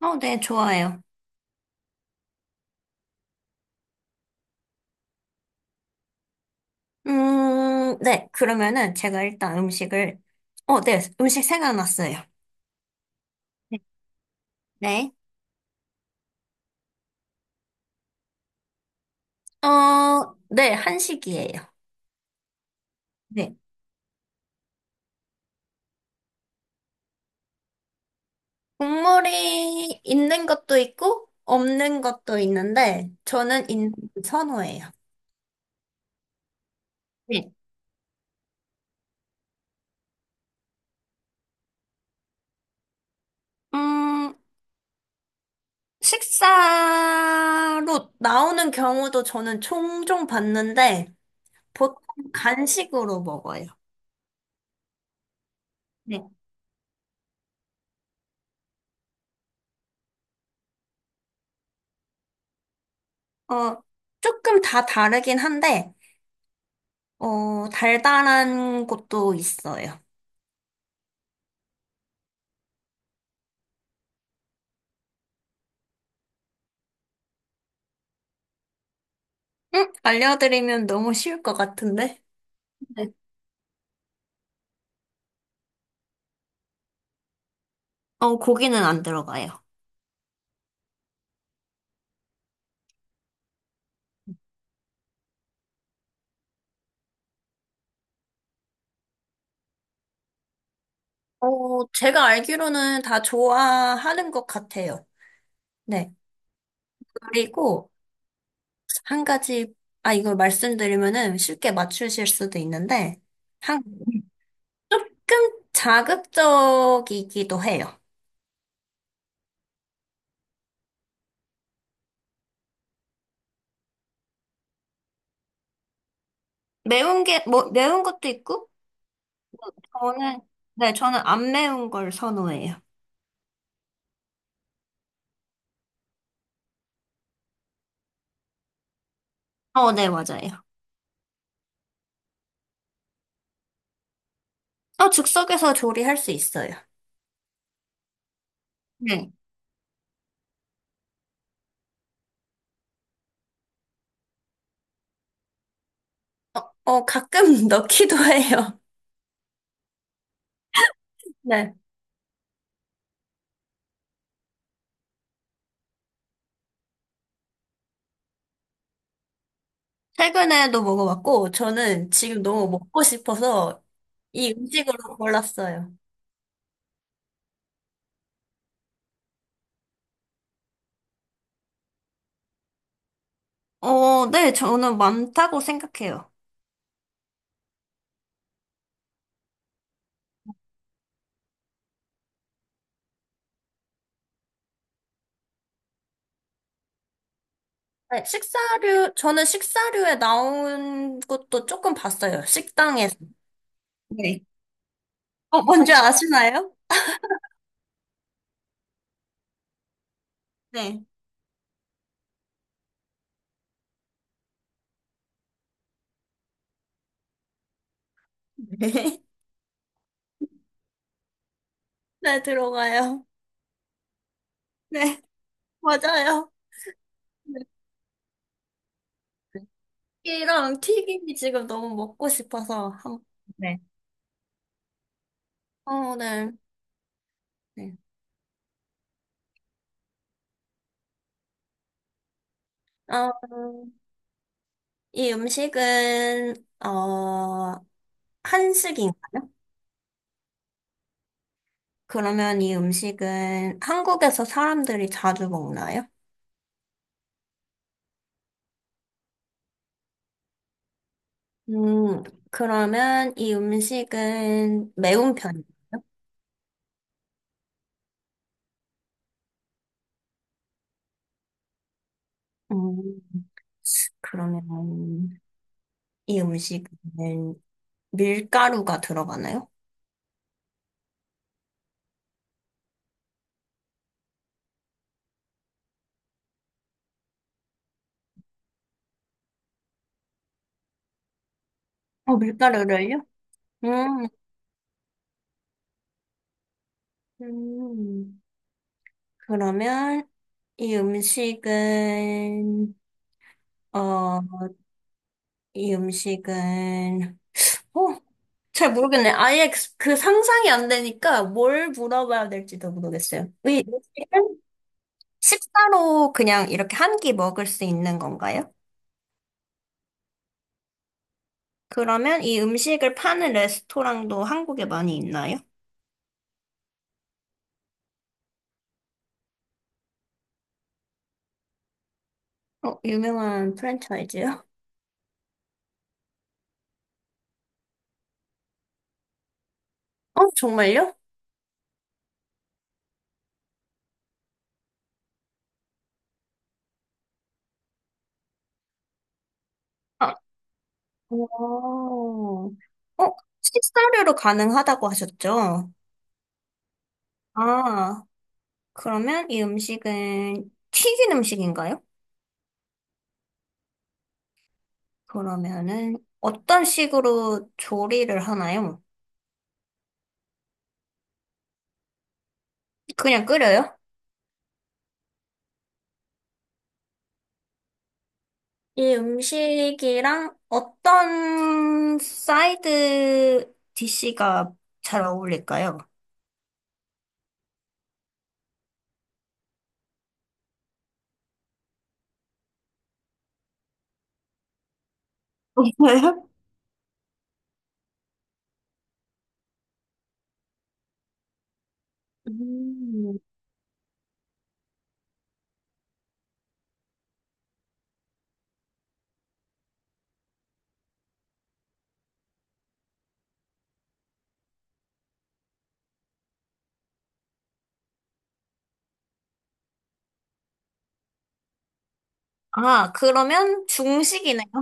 네, 좋아요. 네, 그러면은 제가 일단 네, 음식 생각났어요. 네. 네, 한식이에요. 네. 국물이 있는 것도 있고, 없는 것도 있는데, 저는 있는 걸 선호해요. 네. 음, 식사로 나오는 경우도 저는 종종 봤는데, 보통 간식으로 먹어요. 네. 어, 조금 다 다르긴 한데, 달달한 것도 있어요. 응? 알려드리면 너무 쉬울 것 같은데? 네. 고기는 안 들어가요. 제가 알기로는 다 좋아하는 것 같아요. 네. 그리고 한 가지, 아, 이걸 말씀드리면은 쉽게 맞추실 수도 있는데, 한, 조금 자극적이기도 해요. 매운 게, 뭐, 매운 것도 있고, 저는, 네, 저는 안 매운 걸 선호해요. 네, 맞아요. 즉석에서 조리할 수 있어요. 네. 어, 가끔 넣기도 해요. 네. 최근에도 먹어봤고, 저는 지금 너무 먹고 싶어서 이 음식으로 골랐어요. 네, 저는 많다고 생각해요. 네, 저는 식사류에 나온 것도 조금 봤어요. 식당에서. 네. 어, 뭔지 아시나요? 네. 네. 네, 들어가요. 네, 맞아요. 네. 이랑 튀김이 지금 너무 먹고 싶어서 한 네. 어, 네. 네. 어, 이 음식은, 어, 한식인가요? 그러면 이 음식은 한국에서 사람들이 자주 먹나요? 음, 그러면 이 음식은 매운 편이에요. 음, 그러면 이 음식은 밀가루가 들어가나요? 어, 밀가루를요? 음, 음, 그러면 이 음식은, 어, 이 음식은 어, 잘 모르겠네. 그 상상이 안 되니까 뭘 물어봐야 될지도 모르겠어요. 이 음식은 식사로 그냥 이렇게 한끼 먹을 수 있는 건가요? 그러면 이 음식을 파는 레스토랑도 한국에 많이 있나요? 어, 유명한 프랜차이즈요? 어, 정말요? 아, 오. 어, 식사료로 가능하다고 하셨죠? 아, 그러면 이 음식은 튀긴 음식인가요? 그러면은 어떤 식으로 조리를 하나요? 그냥 끓여요? 이 음식이랑 어떤 사이드 디시가 잘 어울릴까요? 맞아요? 음. 아, 그러면 중식이네요.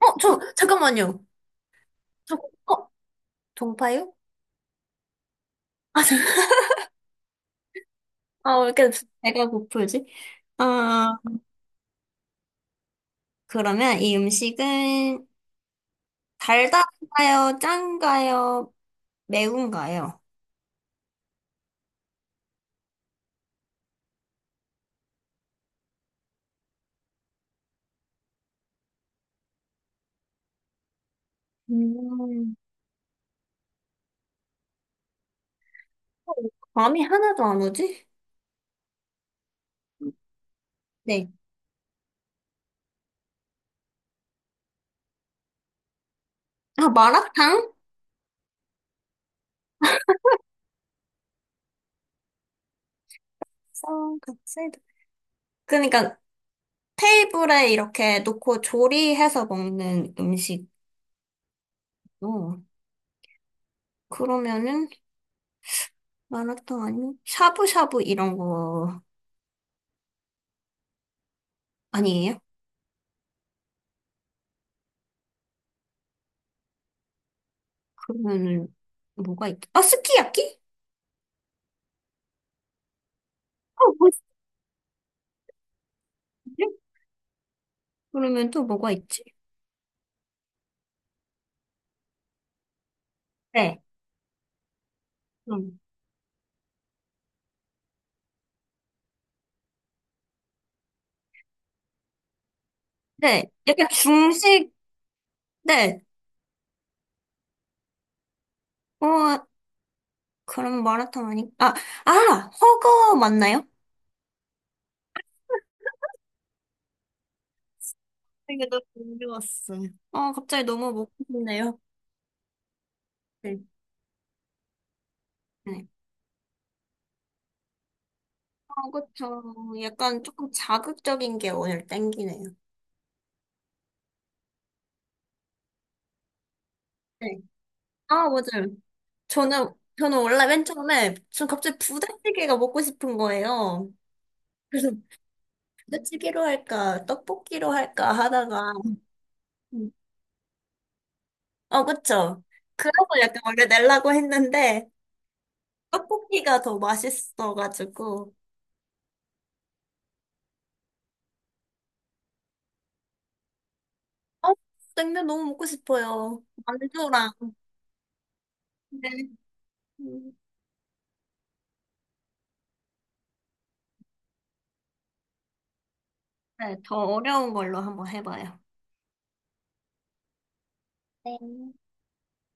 잠깐만요. 저, 어, 동파요? 아, 잠- 아, 왜 이렇게 배가 고프지? 아, 그러면 이 음식은 달달한가요? 짠가요? 매운가요? 음, 어, 감이 하나도 안 오지? 네. 아, 마라탕? 쌀 그러니까 테이블에 이렇게 놓고 조리해서 먹는 음식. 어, 그러면은 마라탕 아니면 샤브샤브 이런 거 아니에요? 그러면은 뭐가 있지? 아, 스키야키? 어, 뭐지? 그러면 또 뭐가 있지? 네. 음. 네. 약간 중식. 네. 어, 그럼 마라탕 아니? 아, 아, 허거 맞나요? 이게 너무 궁금했어. 아 갑자기 너무 먹고 싶네요. 네. 네. 어, 그쵸. 약간 조금 자극적인 게 오늘 땡기네요. 네. 아, 맞아요. 저는 원래 맨 처음에, 전 갑자기 부대찌개가 먹고 싶은 거예요. 그래서 부대찌개로 할까, 떡볶이로 할까 하다가, 음. 어, 그쵸. 그래서 약간 원래 내려고 했는데, 떡볶이가 더 맛있어가지고, 어, 냉면 너무 먹고 싶어요. 만두랑. 네. 음. 네, 더 어려운 걸로 한번 해봐요. 네.